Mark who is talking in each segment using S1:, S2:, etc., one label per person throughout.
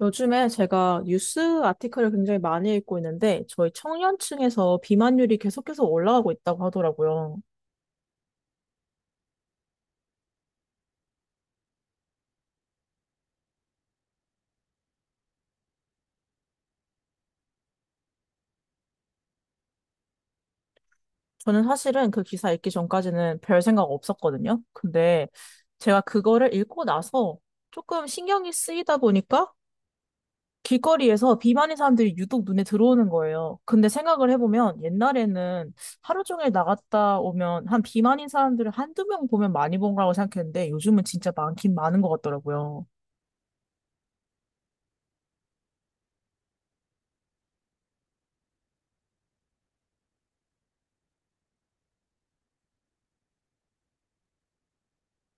S1: 요즘에 제가 뉴스 아티클을 굉장히 많이 읽고 있는데, 저희 청년층에서 비만율이 계속해서 올라가고 있다고 하더라고요. 저는 사실은 그 기사 읽기 전까지는 별 생각 없었거든요. 근데 제가 그거를 읽고 나서 조금 신경이 쓰이다 보니까 길거리에서 비만인 사람들이 유독 눈에 들어오는 거예요. 근데 생각을 해보면 옛날에는 하루 종일 나갔다 오면 한 비만인 사람들을 한두 명 보면 많이 본 거라고 생각했는데 요즘은 진짜 많긴 많은 것 같더라고요.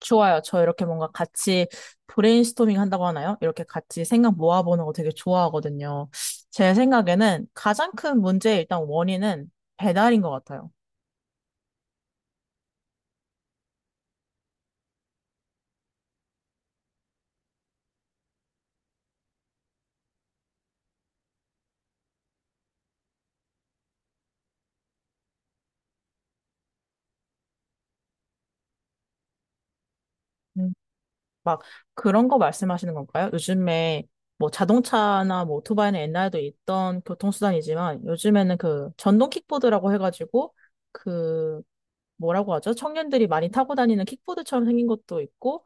S1: 좋아요. 저 이렇게 뭔가 같이 브레인스토밍 한다고 하나요? 이렇게 같이 생각 모아보는 거 되게 좋아하거든요. 제 생각에는 가장 큰 문제의 일단 원인은 배달인 것 같아요. 음, 막 그런 거 말씀하시는 건가요? 요즘에 뭐 자동차나 뭐 오토바이는 옛날에도 있던 교통수단이지만 요즘에는 그 전동 킥보드라고 해가지고 그 뭐라고 하죠? 청년들이 많이 타고 다니는 킥보드처럼 생긴 것도 있고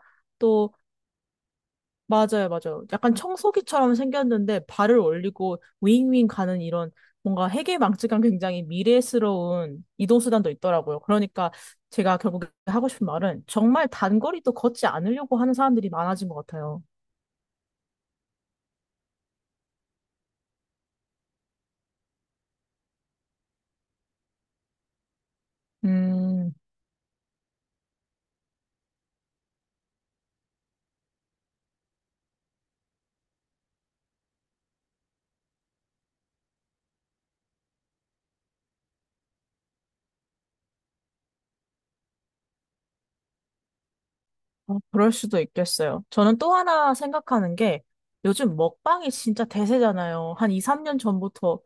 S1: 맞아요, 맞아요. 약간 청소기처럼 생겼는데 발을 올리고 윙윙 가는 이런 뭔가 해괴망측한 굉장히 미래스러운 이동수단도 있더라고요. 그러니까 제가 결국에 하고 싶은 말은 정말 단거리도 걷지 않으려고 하는 사람들이 많아진 것 같아요. 음. 그럴 수도 있겠어요. 저는 또 하나 생각하는 게 요즘 먹방이 진짜 대세잖아요. 한 2, 3년 전부터,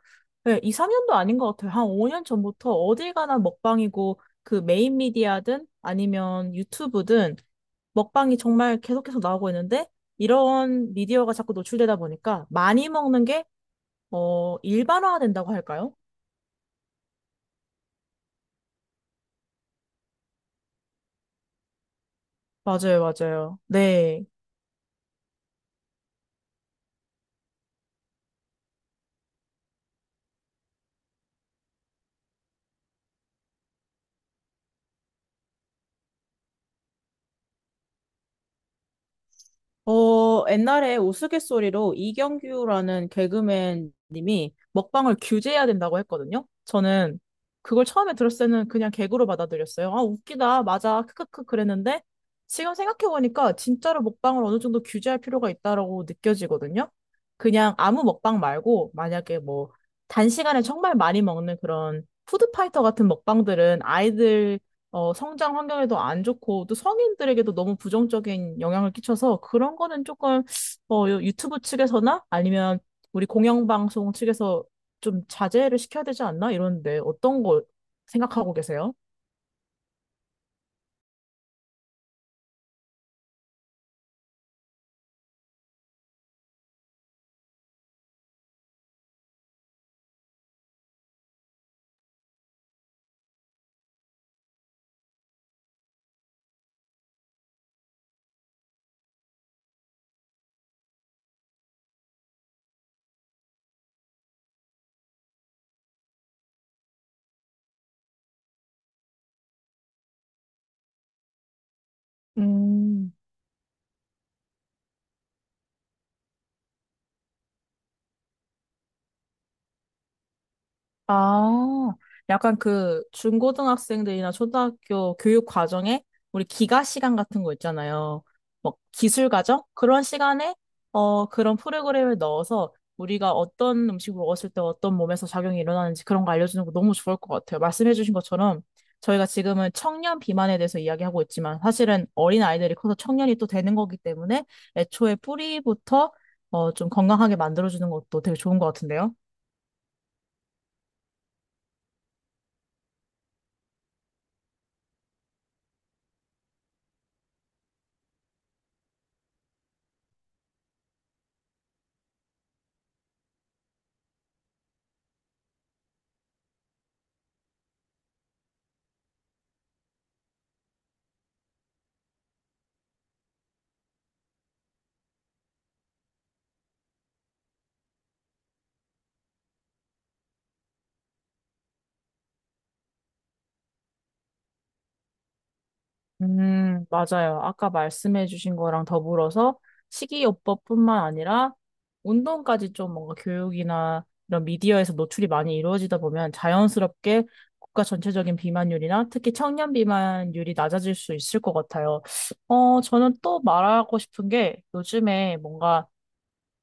S1: 네, 2, 3년도 아닌 것 같아요. 한 5년 전부터 어딜 가나 먹방이고 그 메인 미디어든 아니면 유튜브든 먹방이 정말 계속해서 나오고 있는데 이런 미디어가 자꾸 노출되다 보니까 많이 먹는 게, 일반화된다고 할까요? 맞아요, 맞아요. 네. 옛날에 우스갯소리로 이경규라는 개그맨 님이 먹방을 규제해야 된다고 했거든요. 저는 그걸 처음에 들었을 때는 그냥 개그로 받아들였어요. 아, 웃기다. 맞아. 크크크 그랬는데 지금 생각해보니까 진짜로 먹방을 어느 정도 규제할 필요가 있다라고 느껴지거든요. 그냥 아무 먹방 말고 만약에 뭐 단시간에 정말 많이 먹는 그런 푸드파이터 같은 먹방들은 성장 환경에도 안 좋고 또 성인들에게도 너무 부정적인 영향을 끼쳐서 그런 거는 조금 유튜브 측에서나 아니면 우리 공영방송 측에서 좀 자제를 시켜야 되지 않나 이런데 어떤 거 생각하고 계세요? 음. 아, 약간 그 중고등학생들이나 초등학교 교육 과정에 우리 기가 시간 같은 거 있잖아요. 뭐 기술 과정? 그런 시간에 그런 프로그램을 넣어서 우리가 어떤 음식을 먹었을 때 어떤 몸에서 작용이 일어나는지 그런 거 알려주는 거 너무 좋을 것 같아요. 말씀해주신 것처럼 저희가 지금은 청년 비만에 대해서 이야기하고 있지만 사실은 어린 아이들이 커서 청년이 또 되는 거기 때문에 애초에 뿌리부터 좀 건강하게 만들어주는 것도 되게 좋은 것 같은데요. 맞아요. 아까 말씀해 주신 거랑 더불어서 식이요법뿐만 아니라 운동까지 좀 뭔가 교육이나 이런 미디어에서 노출이 많이 이루어지다 보면 자연스럽게 국가 전체적인 비만율이나 특히 청년 비만율이 낮아질 수 있을 것 같아요. 저는 또 말하고 싶은 게 요즘에 뭔가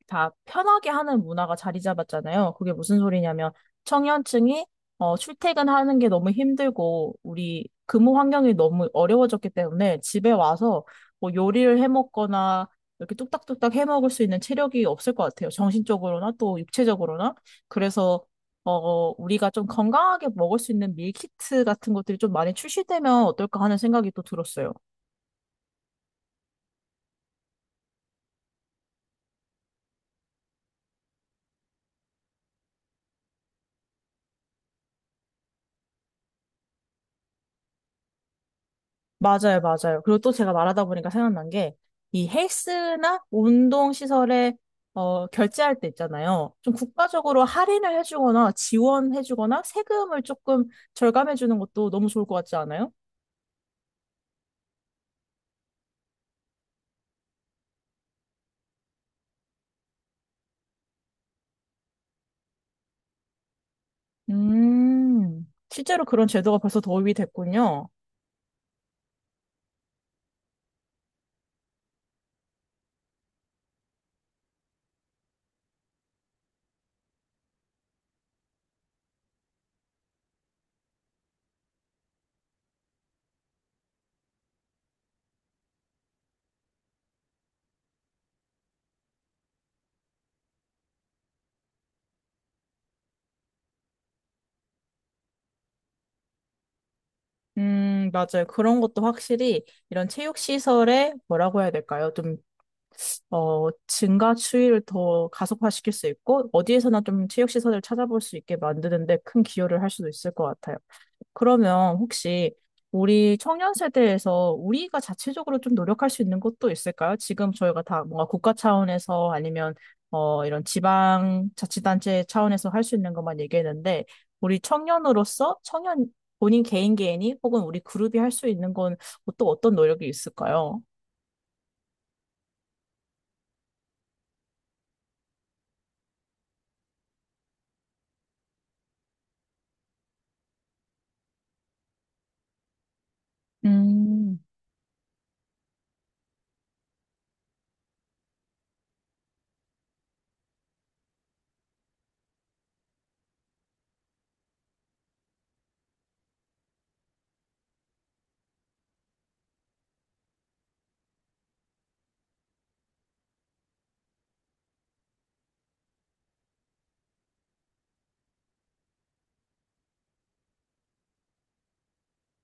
S1: 다 편하게 하는 문화가 자리 잡았잖아요. 그게 무슨 소리냐면 청년층이 출퇴근하는 게 너무 힘들고 우리 근무 환경이 너무 어려워졌기 때문에 집에 와서 뭐 요리를 해 먹거나 이렇게 뚝딱뚝딱 해 먹을 수 있는 체력이 없을 것 같아요. 정신적으로나 또 육체적으로나. 그래서 우리가 좀 건강하게 먹을 수 있는 밀키트 같은 것들이 좀 많이 출시되면 어떨까 하는 생각이 또 들었어요. 맞아요, 맞아요. 그리고 또 제가 말하다 보니까 생각난 게, 이 헬스나 운동 시설에 결제할 때 있잖아요. 좀 국가적으로 할인을 해주거나 지원해주거나 세금을 조금 절감해주는 것도 너무 좋을 것 같지 않아요? 실제로 그런 제도가 벌써 도입이 됐군요. 맞아요. 그런 것도 확실히 이런 체육시설에 뭐라고 해야 될까요? 좀 증가 추이를 더 가속화시킬 수 있고, 어디에서나 좀 체육시설을 찾아볼 수 있게 만드는데 큰 기여를 할 수도 있을 것 같아요. 그러면 혹시 우리 청년 세대에서 우리가 자체적으로 좀 노력할 수 있는 것도 있을까요? 지금 저희가 다 뭔가 국가 차원에서 아니면 이런 지방 자치단체 차원에서 할 수 있는 것만 얘기했는데, 우리 청년으로서 청년 본인 개인 개인이 혹은 우리 그룹이 할 수 있는 건 또 어떤 노력이 있을까요? 음.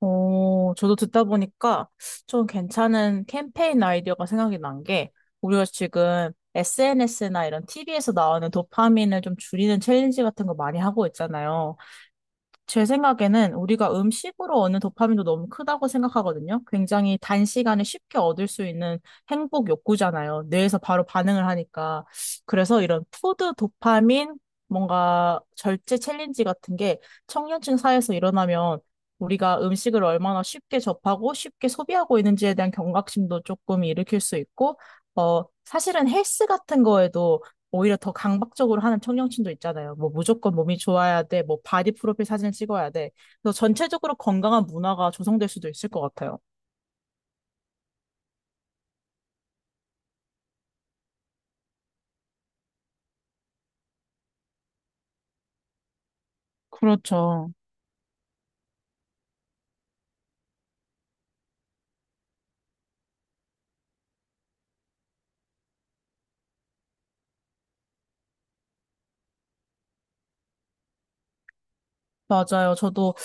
S1: 저도 듣다 보니까 좀 괜찮은 캠페인 아이디어가 생각이 난 게, 우리가 지금 SNS나 이런 TV에서 나오는 도파민을 좀 줄이는 챌린지 같은 거 많이 하고 있잖아요. 제 생각에는 우리가 음식으로 얻는 도파민도 너무 크다고 생각하거든요. 굉장히 단시간에 쉽게 얻을 수 있는 행복 욕구잖아요. 뇌에서 바로 반응을 하니까. 그래서 이런 푸드 도파민, 뭔가 절제 챌린지 같은 게 청년층 사회에서 일어나면 우리가 음식을 얼마나 쉽게 접하고 쉽게 소비하고 있는지에 대한 경각심도 조금 일으킬 수 있고, 사실은 헬스 같은 거에도 오히려 더 강박적으로 하는 청년층도 있잖아요. 뭐 무조건 몸이 좋아야 돼, 뭐 바디 프로필 사진을 찍어야 돼. 그래서 전체적으로 건강한 문화가 조성될 수도 있을 것 같아요. 그렇죠. 맞아요. 저도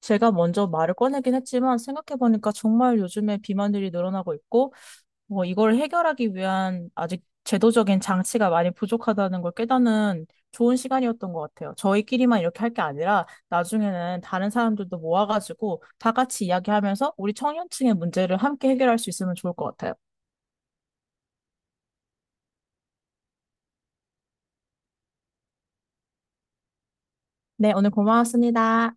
S1: 제가 먼저 말을 꺼내긴 했지만 생각해보니까 정말 요즘에 비만들이 늘어나고 있고 뭐 이걸 해결하기 위한 아직 제도적인 장치가 많이 부족하다는 걸 깨닫는 좋은 시간이었던 것 같아요. 저희끼리만 이렇게 할 게 아니라 나중에는 다른 사람들도 모아가지고 다 같이 이야기하면서 우리 청년층의 문제를 함께 해결할 수 있으면 좋을 것 같아요. 네, 오늘 고마웠습니다.